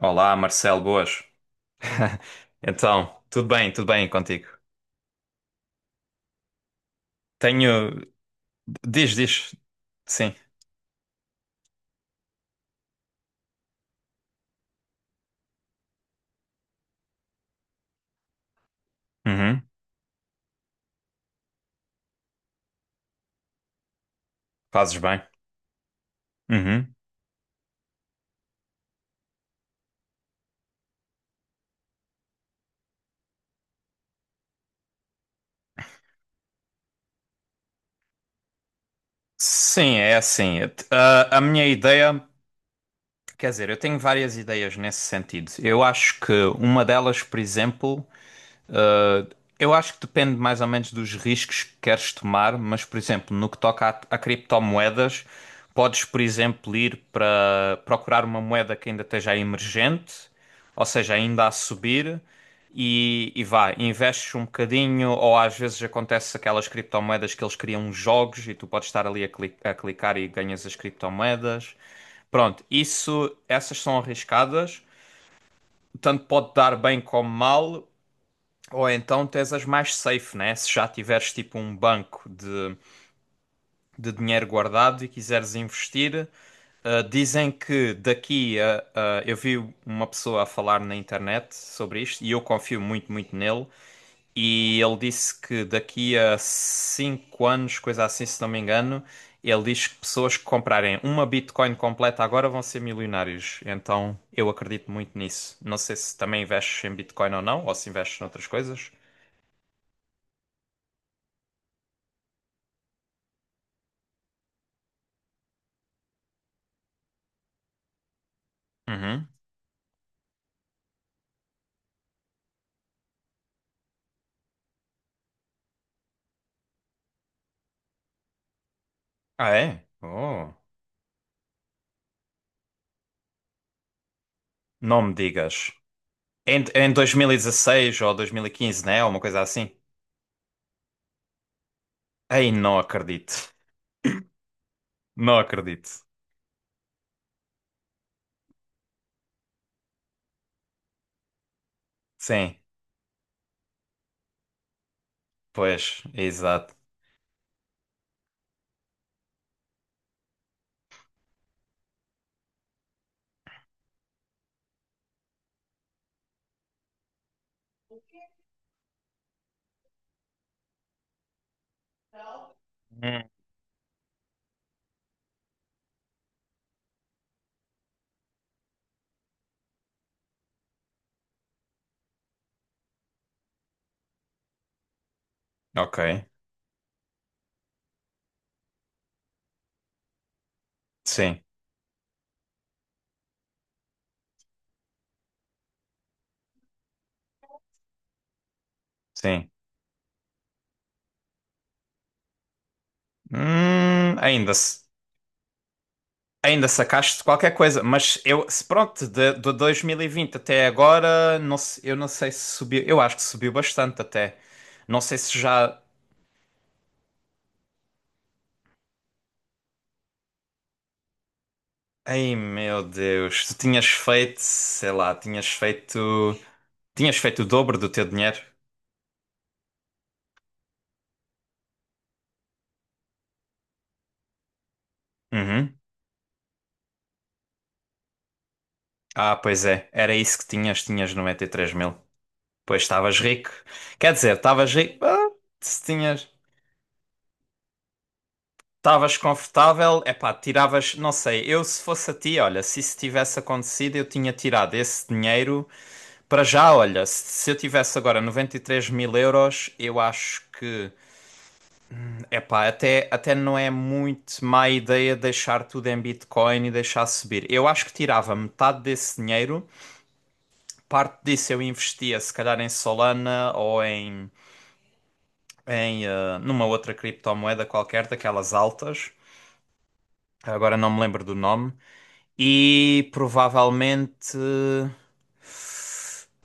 Olá, Marcelo, boas. Então, tudo bem contigo? Tenho. Diz, diz. Sim. Uhum. Fazes bem. Uhum. Sim, é assim. A minha ideia. Quer dizer, eu tenho várias ideias nesse sentido. Eu acho que uma delas, por exemplo. Uh, Eu acho que depende mais ou menos dos riscos que queres tomar, mas, por exemplo, no que toca a criptomoedas, podes, por exemplo, ir para procurar uma moeda que ainda esteja emergente, ou seja, ainda a subir, e vá, investes um bocadinho, ou às vezes acontece aquelas criptomoedas que eles criam uns jogos e tu podes estar ali a clicar e ganhas as criptomoedas. Pronto, isso, essas são arriscadas, tanto pode dar bem como mal. Ou então tens as mais safe, né? Se já tiveres tipo um banco de dinheiro guardado e quiseres investir, dizem que eu vi uma pessoa a falar na internet sobre isto e eu confio muito, muito nele. E ele disse que daqui a 5 anos, coisa assim, se não me engano, ele diz que pessoas que comprarem uma Bitcoin completa agora vão ser milionários. Então eu acredito muito nisso. Não sei se também investes em Bitcoin ou não, ou se investes noutras coisas. Uhum. Ah, é? Oh, não me digas. Em 2016 ou 2015, né? Uma coisa assim. Ei, não acredito. Não acredito. Sim, pois, exato. Hum. Ok, sim, sim. Ainda, se- ainda sacaste qualquer coisa, mas eu, se pronto, de 2020 até agora, não, eu não sei se subiu. Eu acho que subiu bastante até. Não sei se já. Ei, meu Deus, tu tinhas feito, sei lá, tinhas feito. Tinhas feito o dobro do teu dinheiro? Uhum. Ah, pois é. Era isso que tinhas. Tinhas 93.000. Pois estavas rico. Quer dizer, estavas rico. Ah, se tinhas. Estavas confortável. Epá, tiravas. Não sei. Eu, se fosse a ti, olha, se isso tivesse acontecido, eu tinha tirado esse dinheiro para já. Olha, se eu tivesse agora 93.000 euros, eu acho que. Epá, até não é muito má ideia deixar tudo em Bitcoin e deixar subir. Eu acho que tirava metade desse dinheiro parte disso eu investia se calhar em Solana ou numa outra criptomoeda qualquer daquelas altas. Agora não me lembro do nome. E provavelmente,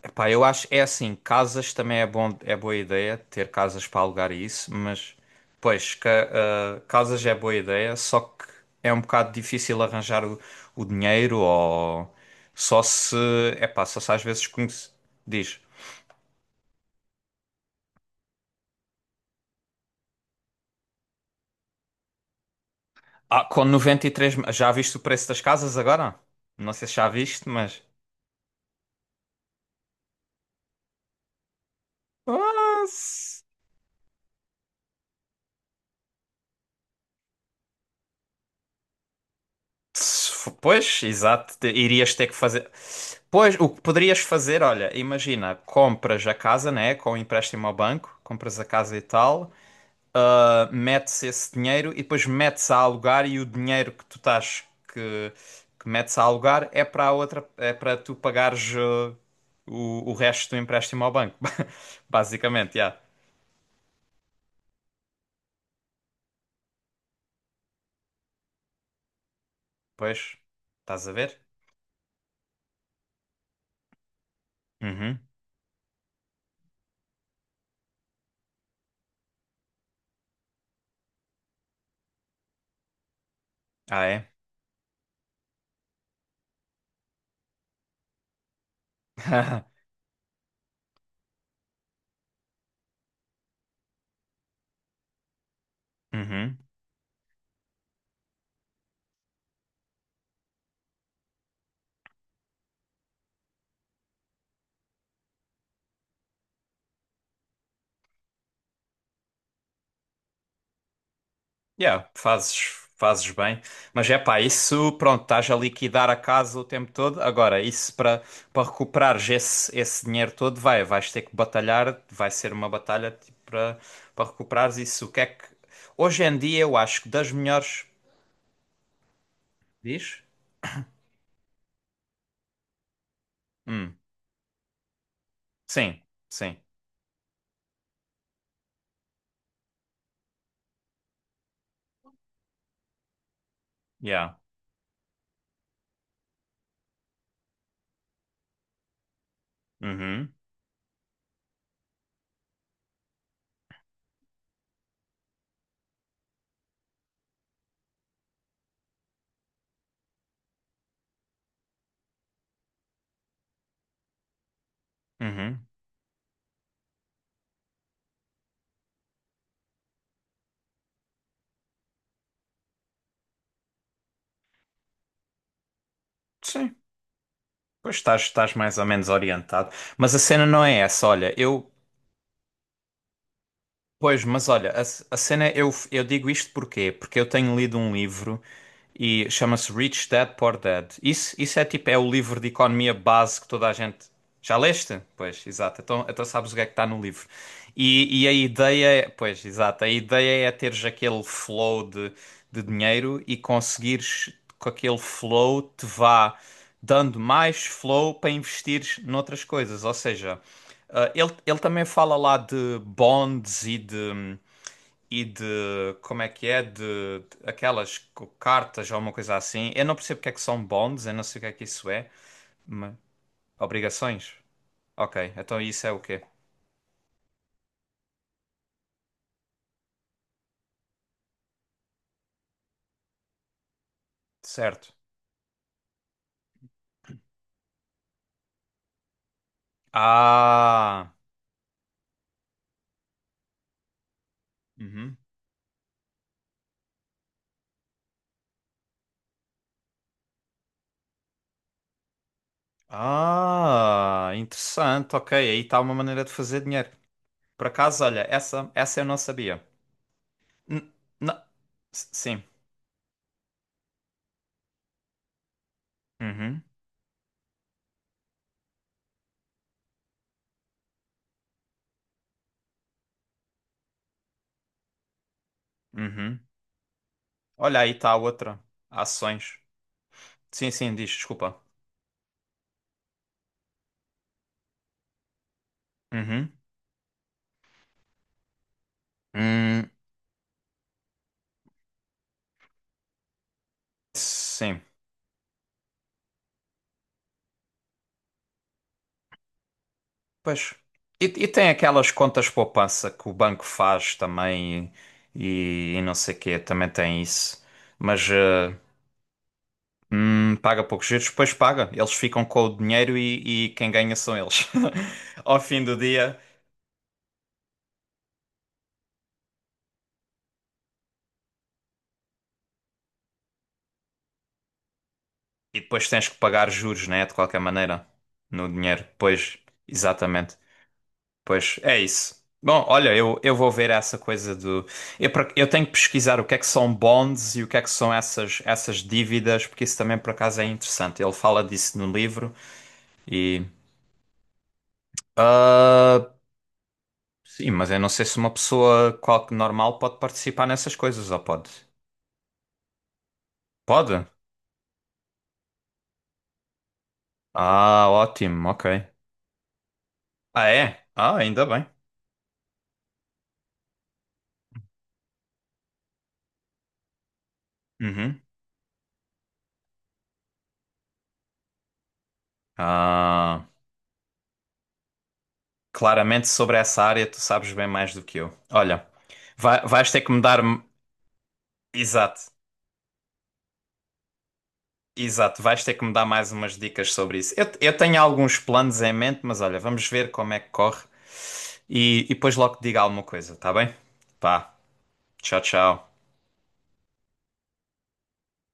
epá, eu acho é assim, casas também é bom, é boa ideia ter casas para alugar e isso, mas pois casas é boa ideia, só que é um bocado difícil arranjar o dinheiro ou só se, só se às vezes conhece, diz. Ah, com 93. Já viste o preço das casas agora? Não sei se já viste, mas. Ah, se- se fo- Pois, exato. Irias ter que fazer. Pois, o que poderias fazer, olha, imagina, compras a casa, né? Com o empréstimo ao banco, compras a casa e tal, metes esse dinheiro e depois metes a alugar e o dinheiro que tu estás que, que metes a alugar é para a outra, é para tu pagares o resto do empréstimo ao banco. Basicamente, já. Pois, estás a ver? Uhum. Ah, é? Uhum. Yeah, fazes bem. Mas é pá, isso, pronto, estás a liquidar a casa o tempo todo. Agora, isso para recuperares esse dinheiro todo, vais ter que batalhar, vai ser uma batalha tipo, para recuperares isso. O que é que. Hoje em dia, eu acho que das melhores. Diz? Hum. Sim, sim. Yeah. Uhum. Uhum. Sim. Pois estás mais ou menos orientado. Mas a cena não é essa. Olha, eu. Pois, mas olha, a cena, eu digo isto porquê? Porque eu tenho lido um livro e chama-se Rich Dad Poor Dad. Isso é tipo, é o livro de economia base que toda a gente. Já leste? Pois, exato. Então sabes o que é que está no livro. E a ideia, pois, exato, a ideia é teres aquele flow de dinheiro e conseguires com aquele flow te vá dando mais flow para investires noutras coisas. Ou seja, ele também fala lá de bonds e de, como é que é, de aquelas cartas ou uma coisa assim. Eu não percebo o que é que são bonds, eu não sei o que é que isso é, mas... Obrigações? Ok, então isso é o quê? Certo. Ah... Uhum. Ah, interessante. Ok, aí está uma maneira de fazer dinheiro. Por acaso, olha, essa eu não sabia. N- na- Sim. Uhum. Uhum. Olha, aí está outra. Ações. Sim, sim, diz, desculpa. Uhum. Hum, sim. Pois. E tem aquelas contas poupança que o banco faz também e não sei quê, também tem isso. Mas. Paga poucos juros, depois paga. Eles ficam com o dinheiro e quem ganha são eles. Ao fim do dia. E depois tens que pagar juros, né? De qualquer maneira. No dinheiro. Pois, exatamente. Pois, é isso. Bom, olha, eu vou ver essa coisa do. Eu tenho que pesquisar o que é que são bonds e o que é que são essas dívidas, porque isso também por acaso é interessante. Ele fala disso no livro e. ah, sim, mas eu não sei se uma pessoa normal pode participar nessas coisas, ou pode? Pode? Ah, ótimo, ok. Ah, é? Ah, ainda bem. Uhum. Ah, claramente sobre essa área tu sabes bem mais do que eu. Olha, vais ter que me dar. Exato, exato. Vais ter que me dar mais umas dicas sobre isso. Eu tenho alguns planos em mente, mas olha, vamos ver como é que corre e depois logo te digo alguma coisa, tá bem? Pá, tchau, tchau.